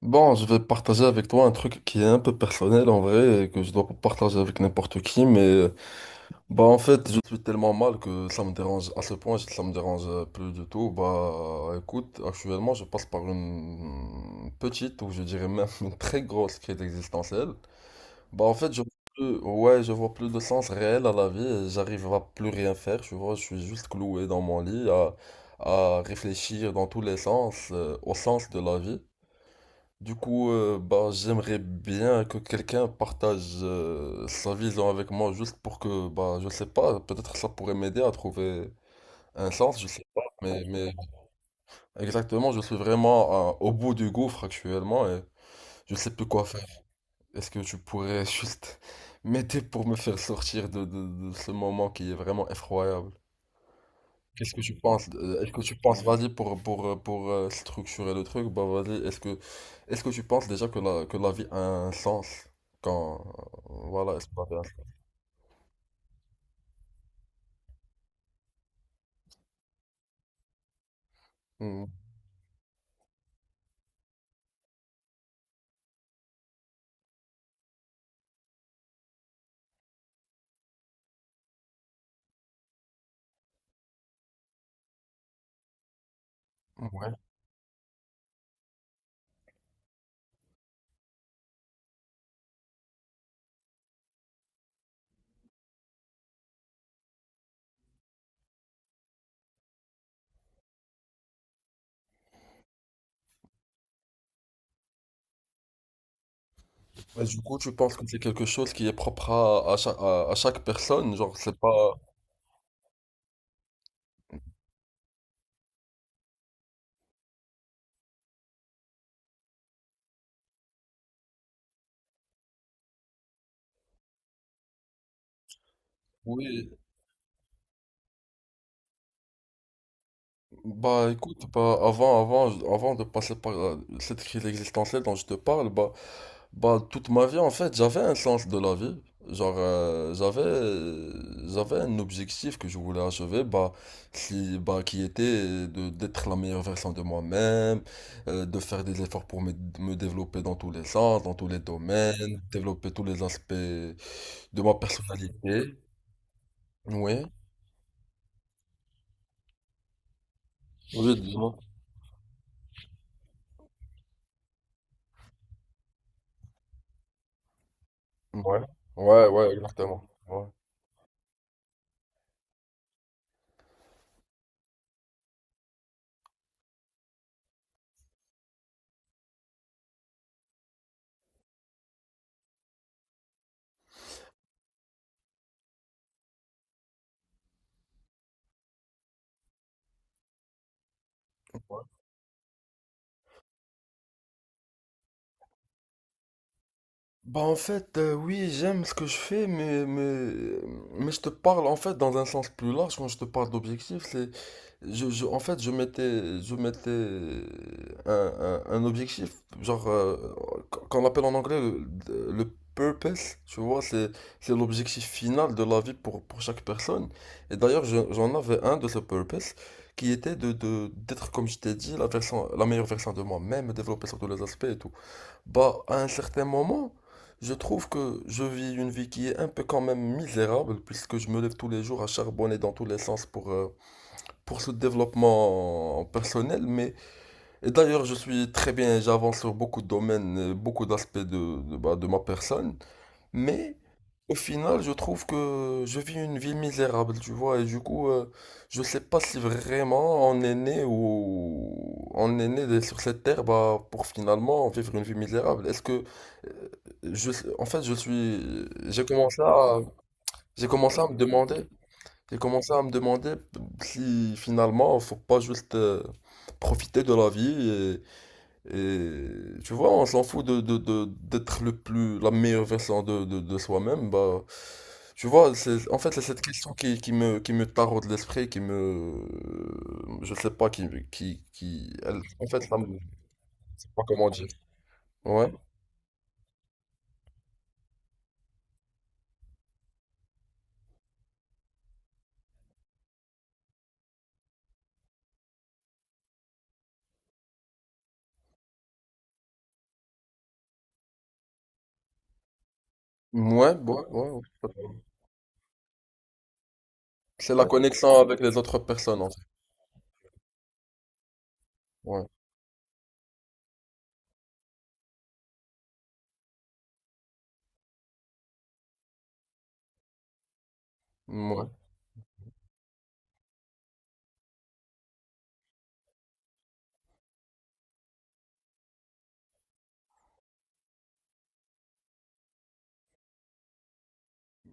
Bon, je vais partager avec toi un truc qui est un peu personnel en vrai et que je dois pas partager avec n'importe qui, mais bah en fait je suis tellement mal que ça me dérange à ce point, si ça me dérange plus du tout. Bah écoute, actuellement je passe par une petite ou je dirais même une très grosse crise existentielle. Bah en fait je vois plus, ouais je vois plus de sens réel à la vie, et j'arrive à plus rien faire, tu vois, je suis juste cloué dans mon lit à réfléchir dans tous les sens, au sens de la vie. Du coup, bah, j'aimerais bien que quelqu'un partage sa vision avec moi juste pour que, bah, je sais pas, peut-être ça pourrait m'aider à trouver un sens, je sais pas, mais exactement, je suis vraiment au bout du gouffre actuellement et je sais plus quoi faire. Est-ce que tu pourrais juste m'aider pour me faire sortir de, de ce moment qui est vraiment effroyable? Qu'est-ce que tu penses? Est-ce que tu penses, vas-y, pour structurer le truc, bah vas-y, est-ce que tu penses déjà que que la vie a un sens quand, voilà, est-ce que la vie a un sens? Hmm, ouais. Mais du coup, tu penses que c'est quelque chose qui est propre à, chaque, à chaque personne, genre, c'est pas... Oui, bah écoute, bah, avant de passer par cette crise existentielle dont je te parle, bah, bah, toute ma vie, en fait, j'avais un sens de la vie. Genre, j'avais un objectif que je voulais achever, bah, qui était de, d'être la meilleure version de moi-même, de faire des efforts pour me développer dans tous les sens, dans tous les domaines, développer tous les aspects de ma personnalité. Oui. Oui, dis-moi. Ouais. Ouais, ouais, exactement. Ouais. Bah en fait, oui, j'aime ce que je fais, mais je te parle en fait dans un sens plus large, quand je te parle d'objectif, c'est, en fait, je mettais un objectif, genre, qu'on appelle en anglais le purpose, tu vois, c'est l'objectif final de la vie pour chaque personne. Et d'ailleurs, j'en avais un de ce purpose, qui était de, d'être, comme je t'ai dit, la meilleure version de moi-même, me développer sur tous les aspects et tout. Bah, à un certain moment, je trouve que je vis une vie qui est un peu quand même misérable, puisque je me lève tous les jours à charbonner dans tous les sens pour ce développement personnel. Mais, et d'ailleurs, je suis très bien, j'avance sur beaucoup de domaines, beaucoup d'aspects de, bah, de ma personne. Mais, au final, je trouve que je vis une vie misérable, tu vois. Et du coup, je sais pas si vraiment on est né ou on est né sur cette terre bah, pour finalement vivre une vie misérable. Est-ce que en fait, j'ai commencé à me demander, j'ai commencé à me demander si finalement, faut pas juste profiter de la vie et, tu vois, on s'en fout de, d'être la meilleure version de, de soi-même. Bah, tu vois, c'est, en fait, c'est cette question qui, qui me taraude l'esprit, qui me, je sais pas, qui, en fait, ça me, je sais pas comment dire. Ouais, ouais, ouais, ouais. C'est la connexion avec les autres personnes. Ouais, ouais,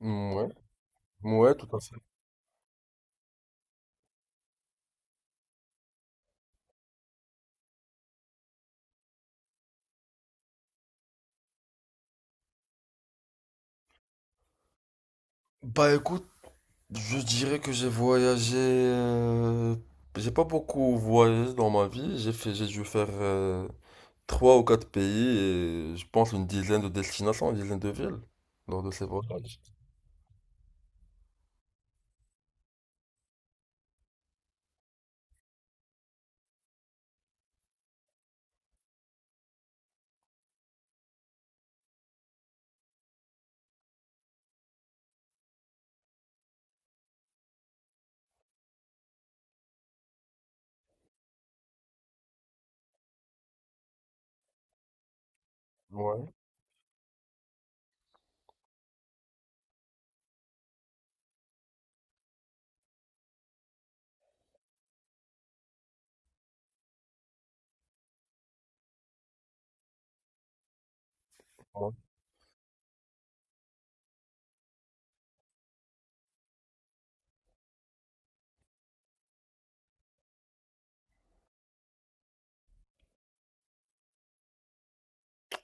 ouais, ouais, tout à fait. Bah écoute, je dirais que j'ai voyagé. J'ai pas beaucoup voyagé dans ma vie. J'ai dû faire trois ou quatre pays et je pense une dizaine de destinations, une dizaine de villes lors de ces voyages. Ouais, ouais.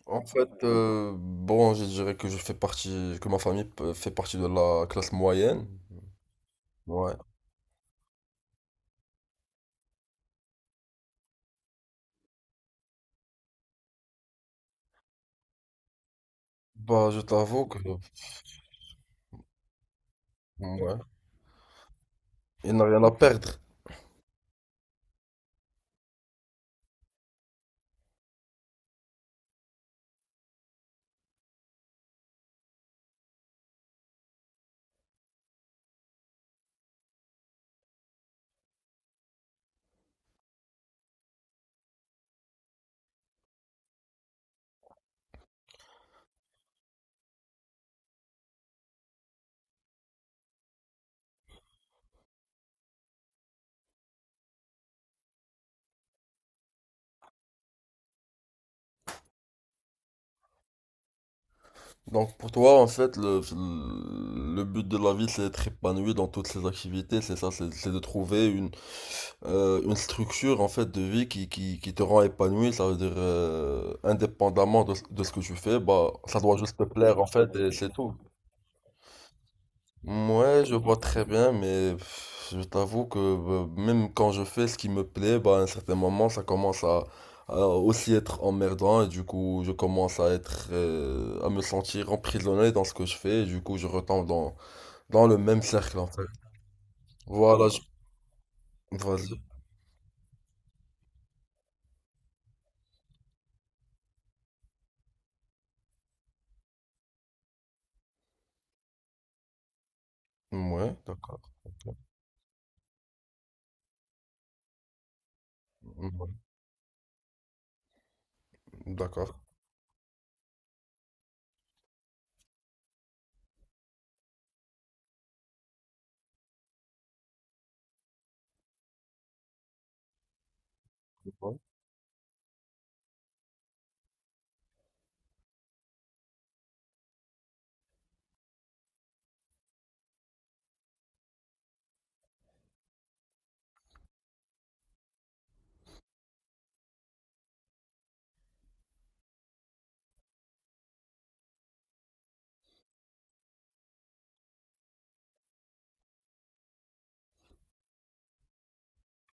En fait, bon, je dirais que je fais partie, que ma famille fait partie de la classe moyenne. Ouais. Bah, je t'avoue que, ouais, il n'a rien à perdre. Donc pour toi, en fait, le but de la vie, c'est d'être épanoui dans toutes ses activités, c'est ça, c'est de trouver une structure, en fait, de vie qui, qui te rend épanoui, ça veut dire, indépendamment de ce que tu fais, bah, ça doit juste te plaire, en fait, et c'est tout. Ouais, je vois très bien, mais pff, je t'avoue que même quand je fais ce qui me plaît, bah, à un certain moment, ça commence à aussi être emmerdant et du coup, je commence à être, à me sentir emprisonné dans ce que je fais et du coup, je retombe dans, dans le même cercle, en fait. Voilà, je... vas-y. Ouais, d'accord. Ouais, d'accord.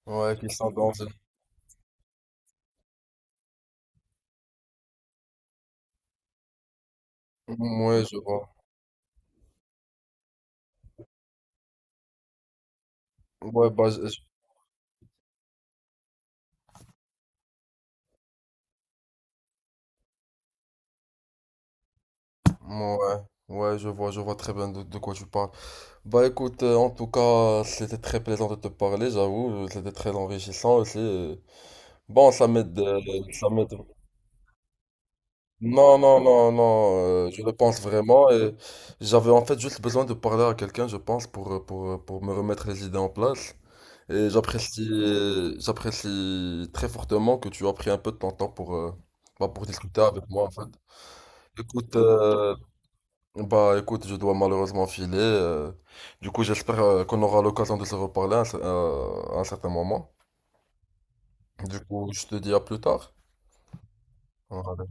Ouais, qui sont dans une- ouais, je vois. Ouais, bah, ouais, ouais, je vois très bien de quoi tu parles. Bah écoute, en tout cas, c'était très plaisant de te parler, j'avoue, c'était très enrichissant aussi. Bon, ça m'aide, ça m'aide. Non, je le pense vraiment et j'avais en fait juste besoin de parler à quelqu'un, je pense, pour, pour me remettre les idées en place. Et j'apprécie, j'apprécie très fortement que tu as pris un peu de ton temps pour, bah, pour discuter avec moi, en fait. Écoute, bah écoute, je dois malheureusement filer. Du coup, j'espère qu'on aura l'occasion de se reparler à un à un certain moment. Du coup, je te dis à plus tard. Voilà.